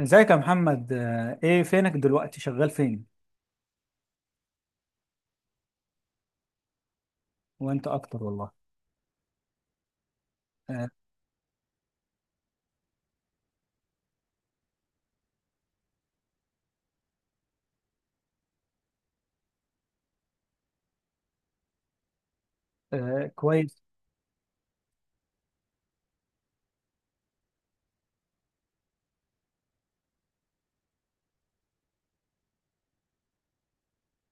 ازيك يا محمد، ايه فينك دلوقتي؟ شغال فين؟ وانت اكتر والله. آه. آه، كويس.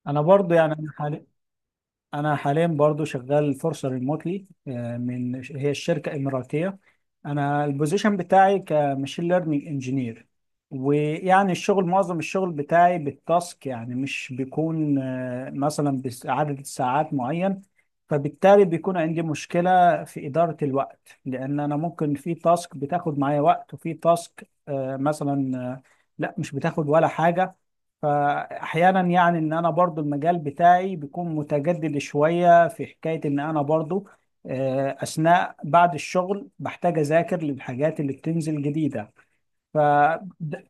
انا برضو يعني انا حاليا، انا حاليا برضو شغال فرصه ريموتلي. من هي الشركه؟ اماراتيه. انا البوزيشن بتاعي كماشين ليرنينج انجينير. ويعني الشغل، معظم الشغل بتاعي بالتاسك، يعني مش بيكون مثلا بعدد ساعات معين. فبالتالي بيكون عندي مشكله في اداره الوقت، لان انا ممكن في تاسك بتاخد معايا وقت، وفي تاسك آه، مثلا آه، لا مش بتاخد ولا حاجه. فاحيانا يعني ان انا برضو، المجال بتاعي بيكون متجدد شوية، في حكاية ان انا برضو اثناء بعد الشغل بحتاج اذاكر للحاجات اللي بتنزل جديدة. ف د-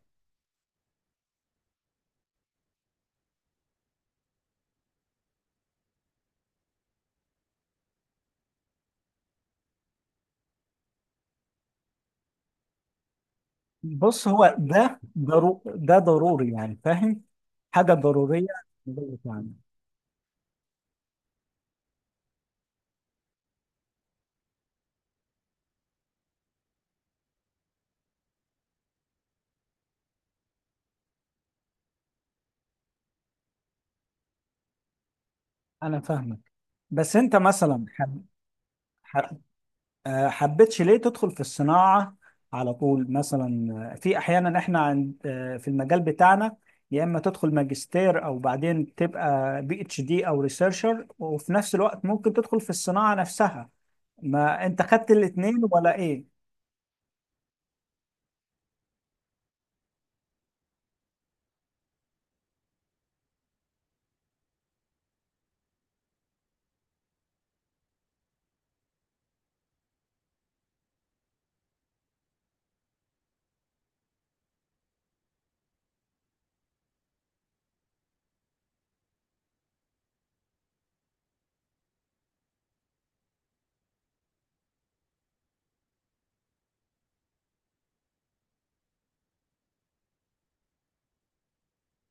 بص، هو ده ضروري، يعني فاهم. حاجة ضرورية. يعني انا فاهمك. بس انت مثلا ح- حبيتش ليه تدخل في الصناعة على طول مثلا؟ في أحيانا إحنا عند، في المجال بتاعنا يا إما تدخل ماجستير، أو بعدين تبقى بي اتش دي أو ريسيرشر، وفي نفس الوقت ممكن تدخل في الصناعة نفسها. ما أنت خدت الاتنين ولا إيه؟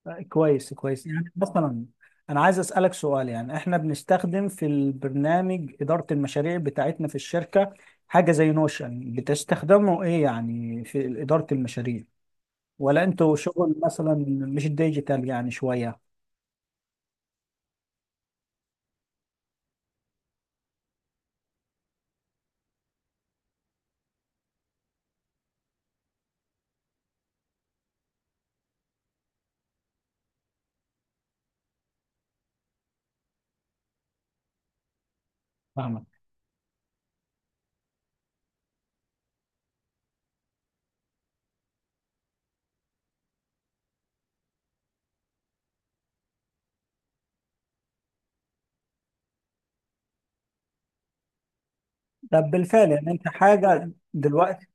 كويس كويس. يعني مثلا أنا عايز أسألك سؤال، يعني إحنا بنستخدم في البرنامج إدارة المشاريع بتاعتنا في الشركة حاجة زي نوشن، بتستخدمه إيه يعني في إدارة المشاريع؟ ولا انتوا شغل مثلا مش ديجيتال يعني شوية؟ فاهمك. طب بالفعل يعني انت حاجة دلوقتي؟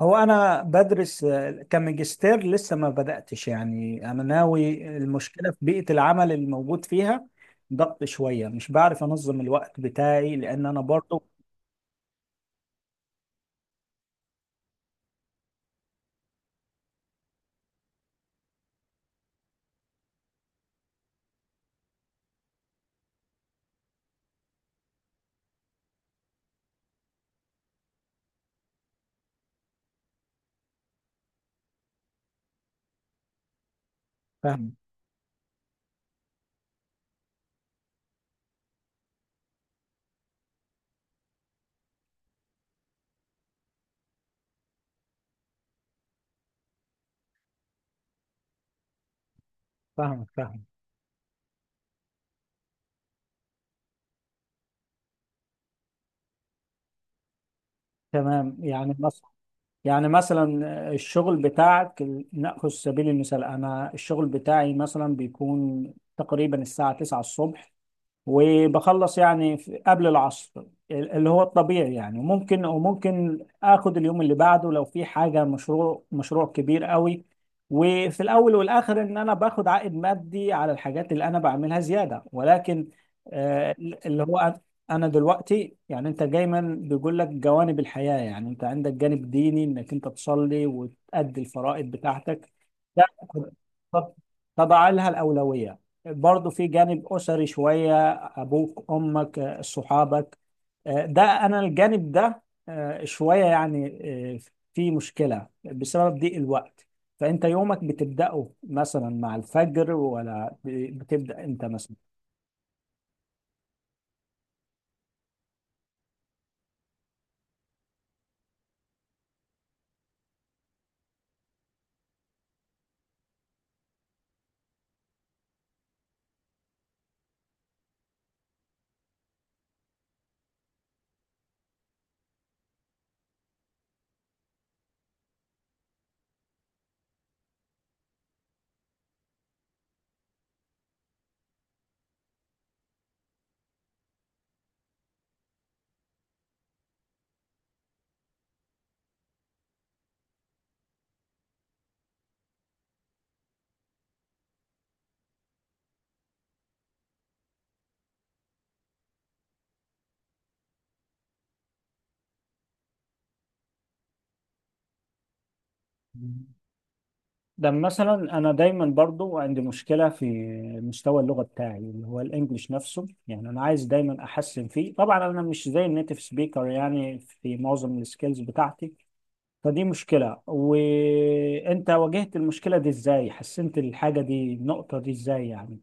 هو انا بدرس كماجستير، لسه ما بدأتش يعني، انا ناوي. المشكلة في بيئة العمل الموجود فيها ضغط شوية، مش بعرف انظم الوقت بتاعي، لان انا برضو. فاهم. فاهمك. فاهم. تمام. يعني مثلا، يعني مثلا الشغل بتاعك، نأخذ سبيل المثال. انا الشغل بتاعي مثلا بيكون تقريبا الساعة 9 الصبح، وبخلص يعني قبل العصر، اللي هو الطبيعي. يعني ممكن، وممكن اخد اليوم اللي بعده لو في حاجة مشروع، مشروع كبير قوي. وفي الاول والاخر ان انا باخد عائد مادي على الحاجات اللي انا بعملها زيادة، ولكن آه، اللي هو أنا، أنا دلوقتي، يعني انت دايما بيقول لك جوانب الحياة. يعني انت عندك جانب ديني انك انت تصلي وتأدي الفرائض بتاعتك، ده. طب طب على لها الأولوية. برضه في جانب أسري شوية، ابوك، امك، صحابك، ده انا الجانب ده شويه يعني. آه، في مشكله بسبب ضيق الوقت. فانت يومك بتبداه مثلا مع الفجر، ولا بتبدا امتى مثلا؟ ده مثلا انا دايما برضو عندي مشكله في مستوى اللغه بتاعي، اللي هو الانجليش نفسه، يعني انا عايز دايما احسن فيه. طبعا انا مش زي النيتيف سبيكر يعني في معظم السكيلز بتاعتي، فدي مشكلة. وانت واجهت المشكلة دي ازاي؟ حسنت الحاجة دي، النقطة دي، ازاي يعني؟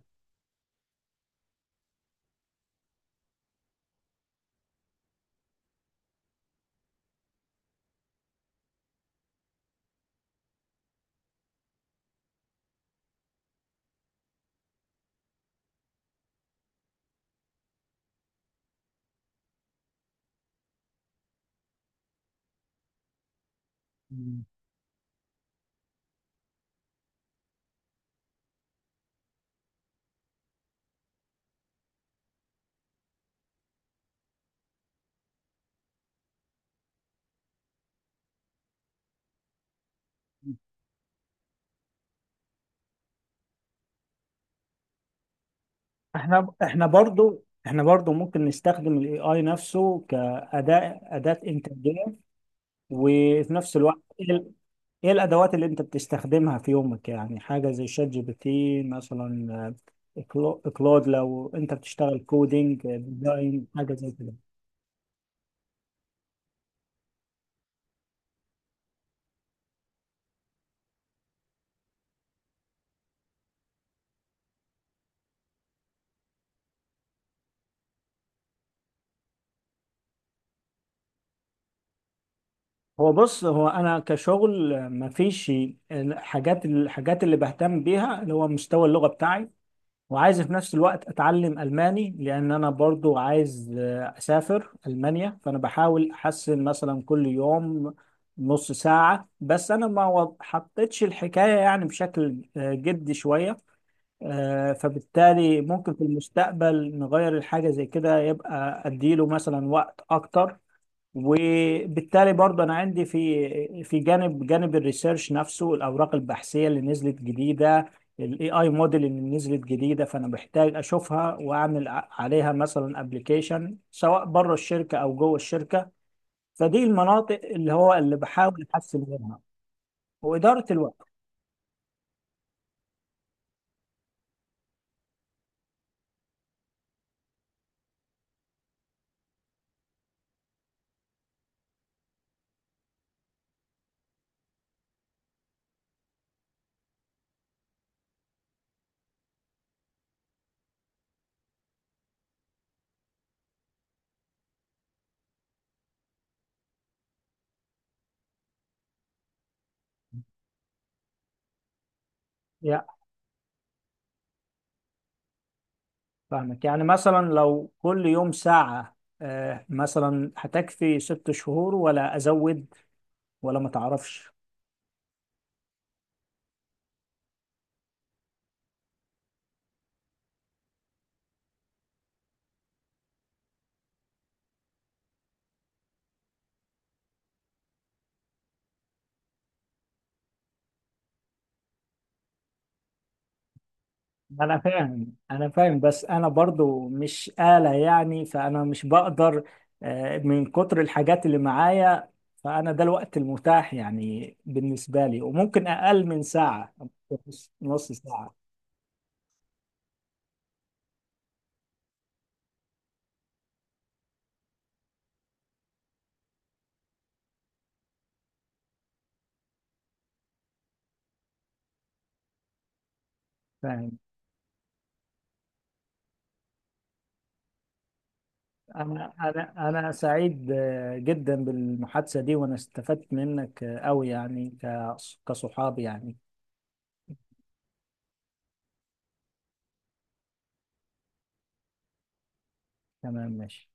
مم. احنا برضو ممكن نستخدم الاي اي نفسه كأداة، أداة إنتاجية. وفي نفس الوقت ايه إيه الأدوات اللي أنت بتستخدمها في يومك؟ يعني حاجة زي شات جي بي تي مثلا، كلود لو أنت بتشتغل كودينج، ديزاين، حاجة زي كده. هو بص، هو انا كشغل مفيش. الحاجات اللي بهتم بيها اللي هو مستوى اللغه بتاعي، وعايز في نفس الوقت اتعلم الماني، لان انا برضو عايز اسافر المانيا. فانا بحاول احسن مثلا كل يوم نص ساعه، بس انا ما حطيتش الحكايه يعني بشكل جدي شويه. فبالتالي ممكن في المستقبل نغير الحاجه زي كده، يبقى اديله مثلا وقت اكتر. وبالتالي برضه انا عندي في جانب الريسيرش نفسه، الاوراق البحثيه اللي نزلت جديده، الاي اي موديل اللي نزلت جديده، فانا بحتاج اشوفها واعمل عليها مثلا ابلكيشن، سواء بره الشركه او جوه الشركه. فدي المناطق اللي هو اللي بحاول احسن منها، واداره الوقت. يا فاهمك. يعني مثلا لو كل يوم ساعه مثلا، هتكفي 6 شهور ولا ازود، ولا ما تعرفش؟ انا فاهم، انا فاهم، بس انا برضو مش آلة يعني، فانا مش بقدر من كتر الحاجات اللي معايا. فانا ده الوقت المتاح يعني بالنسبة لي، وممكن اقل من ساعة، نص ساعة. فاهم. انا سعيد جدا بالمحادثة دي، وانا استفدت منك قوي، يعني كصحاب يعني. تمام، ماشي.